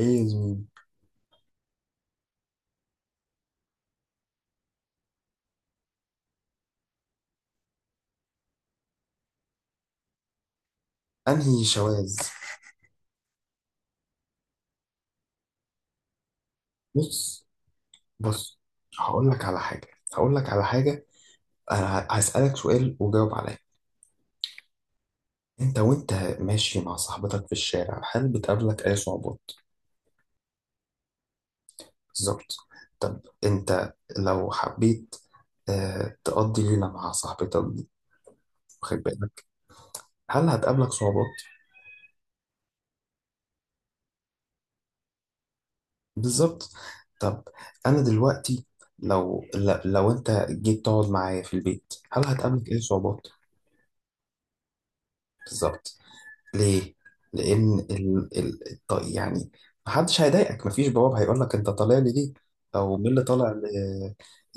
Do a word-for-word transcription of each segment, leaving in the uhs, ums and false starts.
ايه يا زميلي. انهي شواذ؟ بص، بص. هقول لك على حاجه هقول لك على حاجه انا هسالك سؤال وجاوب عليا. انت وانت ماشي مع صاحبتك في الشارع، هل بتقابلك اي صعوبات؟ بالظبط. طب انت لو حبيت آه تقضي ليله مع صاحبتك دي، واخد بالك، هل هتقابلك صعوبات؟ بالظبط. طب انا دلوقتي لو لو انت جيت تقعد معايا في البيت، هل هتقابلك اي صعوبات؟ بالظبط. ليه؟ لأن ال... ال... الط- يعني محدش هيضايقك، مفيش بواب هيقول لك، أنت طالع لي ليه؟ أو مين اللي طالع ل...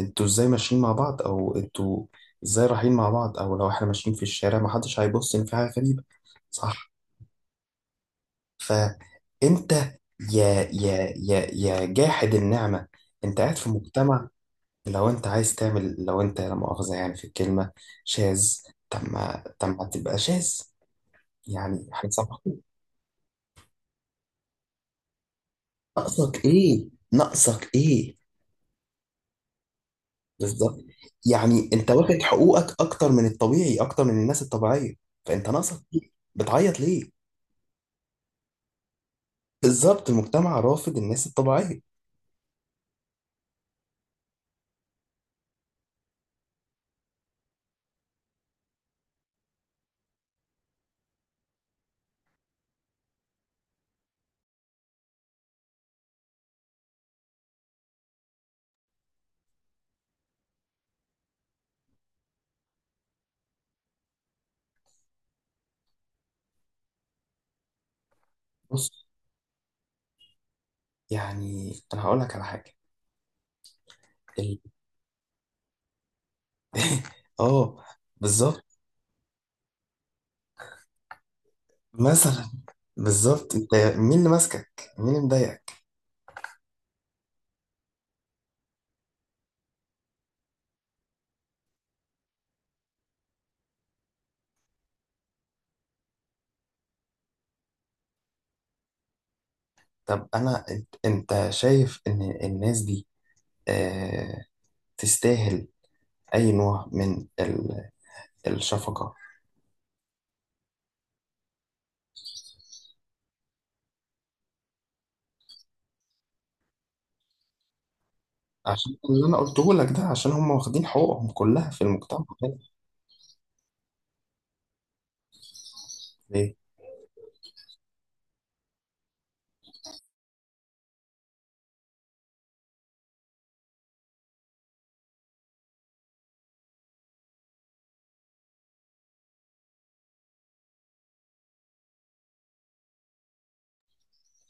أنتوا إزاي ماشيين مع بعض؟ أو أنتوا إزاي رايحين مع بعض؟ أو لو إحنا ماشيين في الشارع محدش هيبص إن في حاجة غريبة، صح؟ فأنت يا يا يا يا جاحد النعمة، أنت قاعد في مجتمع. لو أنت عايز تعمل لو أنت لا مؤاخذة يعني في الكلمة شاذ، طب ما طب ما تبقى شاذ، يعني هنسامحك. ناقصك ايه؟ ناقصك ايه؟ بالظبط. يعني انت واخد حقوقك اكتر من الطبيعي، اكتر من الناس الطبيعيه. فانت ناقصك ايه، بتعيط ليه؟ بالظبط، المجتمع رافض الناس الطبيعيه. بص، يعني انا هقول لك على حاجه. ال- اه. بالظبط. مثلا، بالظبط انت مين اللي ماسكك، مين اللي مضايقك؟ طب انا انت أنت شايف ان الناس دي آه تستاهل اي نوع من ال- الشفقه؟ عشان اللي انا قلته لك ده، عشان هم واخدين حقوقهم كلها في المجتمع ده. ليه؟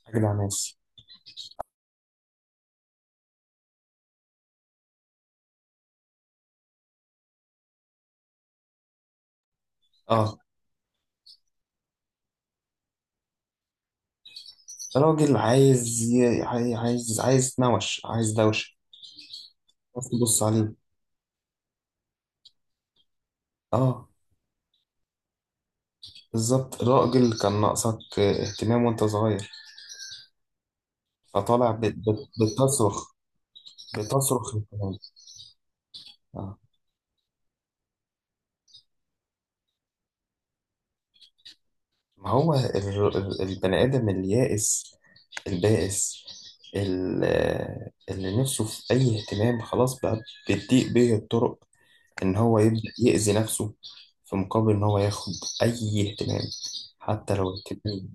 اجدع ناس. اه، راجل عايز ي- عاي- عايز عايز يتنوش، عايز دوشه، بس تبص عليه. اه، بالظبط، راجل كان ناقصك اهتمام وانت صغير، فطالع ب- ب- بتصرخ بتصرخ اهتمام. اه. ما هو ال- ال- البني ادم اليائس، البائس، ال- اللي نفسه في اي اهتمام، خلاص بقى بتضيق بيه الطرق ان هو يبدأ يأذي نفسه في مقابل ان هو ياخد اي اهتمام، حتى لو اهتمام.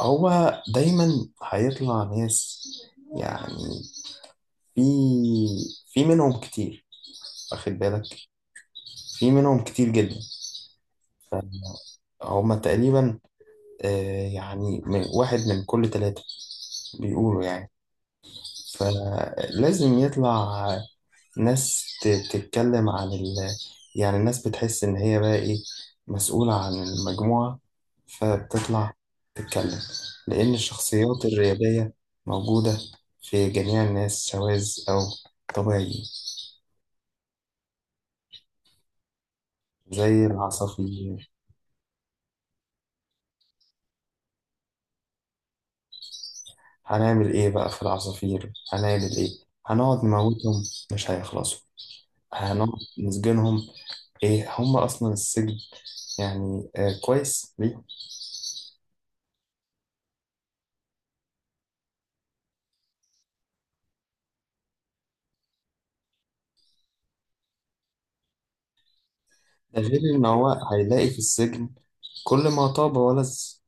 هو دايما هيطلع ناس، يعني في في منهم كتير، واخد بالك، في منهم كتير جدا. فهم تقريبا، آه، يعني من- واحد من كل ثلاثة، بيقولوا يعني. فلازم يطلع ناس ت- تتكلم عن ال... يعني الناس بتحس إن هي بقى إيه، مسؤولة عن المجموعة، فبتطلع تتكلم، لأن الشخصيات الريادية موجودة في جميع الناس، سواذ أو طبيعيين. زي العصافير. هنعمل إيه بقى في العصافير، هنعمل إيه؟ هنقعد نموتهم؟ مش هيخلصوا. هنقعد نسجنهم؟ إيه هم أصلا السجن؟ يعني آه كويس ليه. ده غير إن هو هيلاقي في السجن كل ما طاب ولز.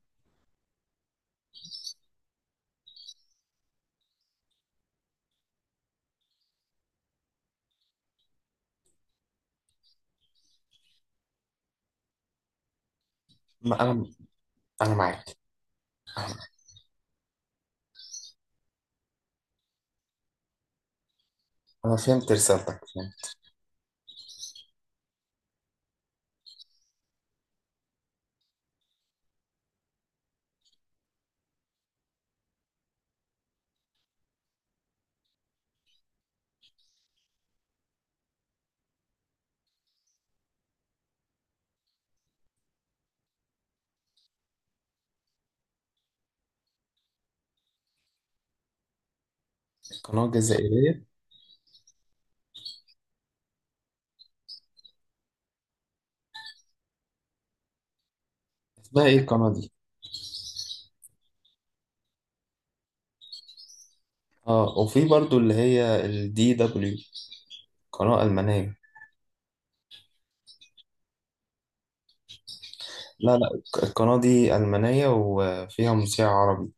ما انا انا معاك، انا فهمت رسالتك، فهمت. القناه الجزائريه، اسمها ايه القناه دي؟ اه، وفي برضو اللي هي الدي دبليو، قناه المانيه. لا، لا، الق- القناه دي المانيه وفيها مذيع عربي.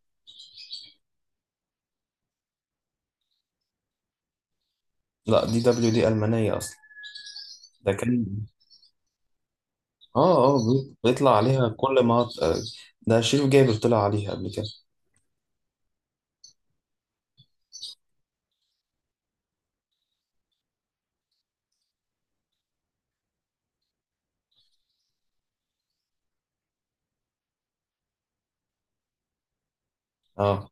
لا، دي دبليو دي المانيه اصلا. ده كان اه اه بي- بيطلع عليها. كل ما ط- آه، ده شريف جابر طلع عليها قبل كده. اه.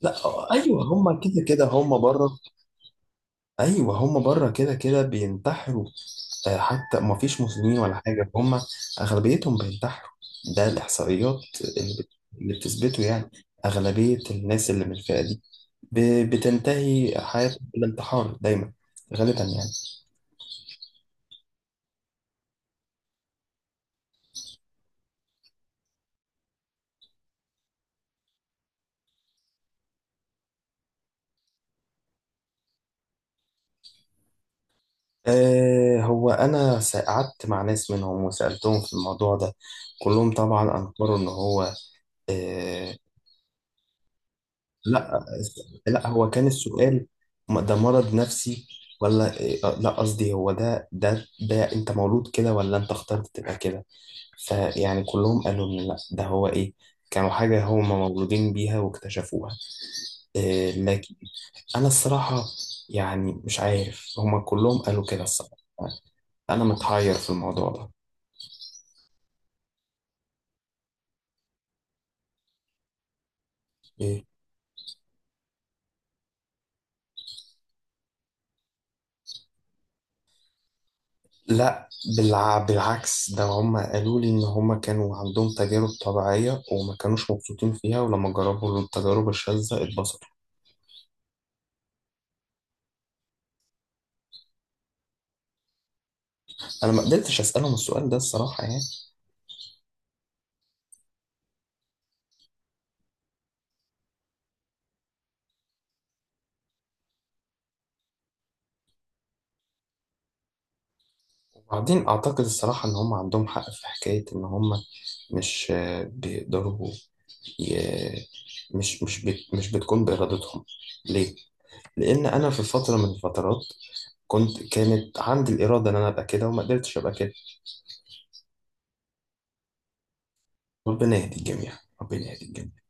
لا، آه، ايوه، هما كده كده، هما بره. ايوه، هما بره كده كده بينتحروا. آه، حتى ما فيش مسلمين ولا حاجة، هم أغلبيتهم بينتحروا. ده الإحصائيات اللي بت- اللي بتثبته يعني، أغلبية الناس اللي من الفئة دي ب- بتنتهي حياتهم بالانتحار دايما، غالبا يعني. آه هو أنا س- قعدت مع ناس منهم وسألتهم في الموضوع ده، كلهم طبعا أنكروا إن هو. آه لا، لا، هو كان السؤال، م- ده مرض نفسي ولا آه، لا، قصدي، هو ده ده ده أنت مولود كده ولا أنت اخترت تبقى كده؟ فيعني كلهم قالوا إن لأ، ده هو إيه، كانوا حاجة هم مولودين بيها واكتشفوها. إيه لكن أنا الصراحة يعني مش عارف، هم كلهم قالوا كده الصراحة. أنا متحير في الموضوع ده. إيه لا، بالع... بالعكس، ده هم قالوا لي إن هم كانوا عندهم تجارب طبيعية وما كانوش مبسوطين فيها، ولما جربوا التجارب الشاذة اتبسطوا. أنا ما قدرتش أسألهم السؤال ده الصراحة يعني. وبعدين أعتقد الصراحة إن هم عندهم حق في حكاية إن هم مش آه، بيقدروا ي- مش مش بت مش بتكون بإرادتهم. ليه؟ لأن أنا في فترة من الفترات كنت كانت عندي الإرادة إن أنا أبقى كده وما قدرتش أبقى كده. ربنا يهدي الجميع، ربنا يهدي الجميع.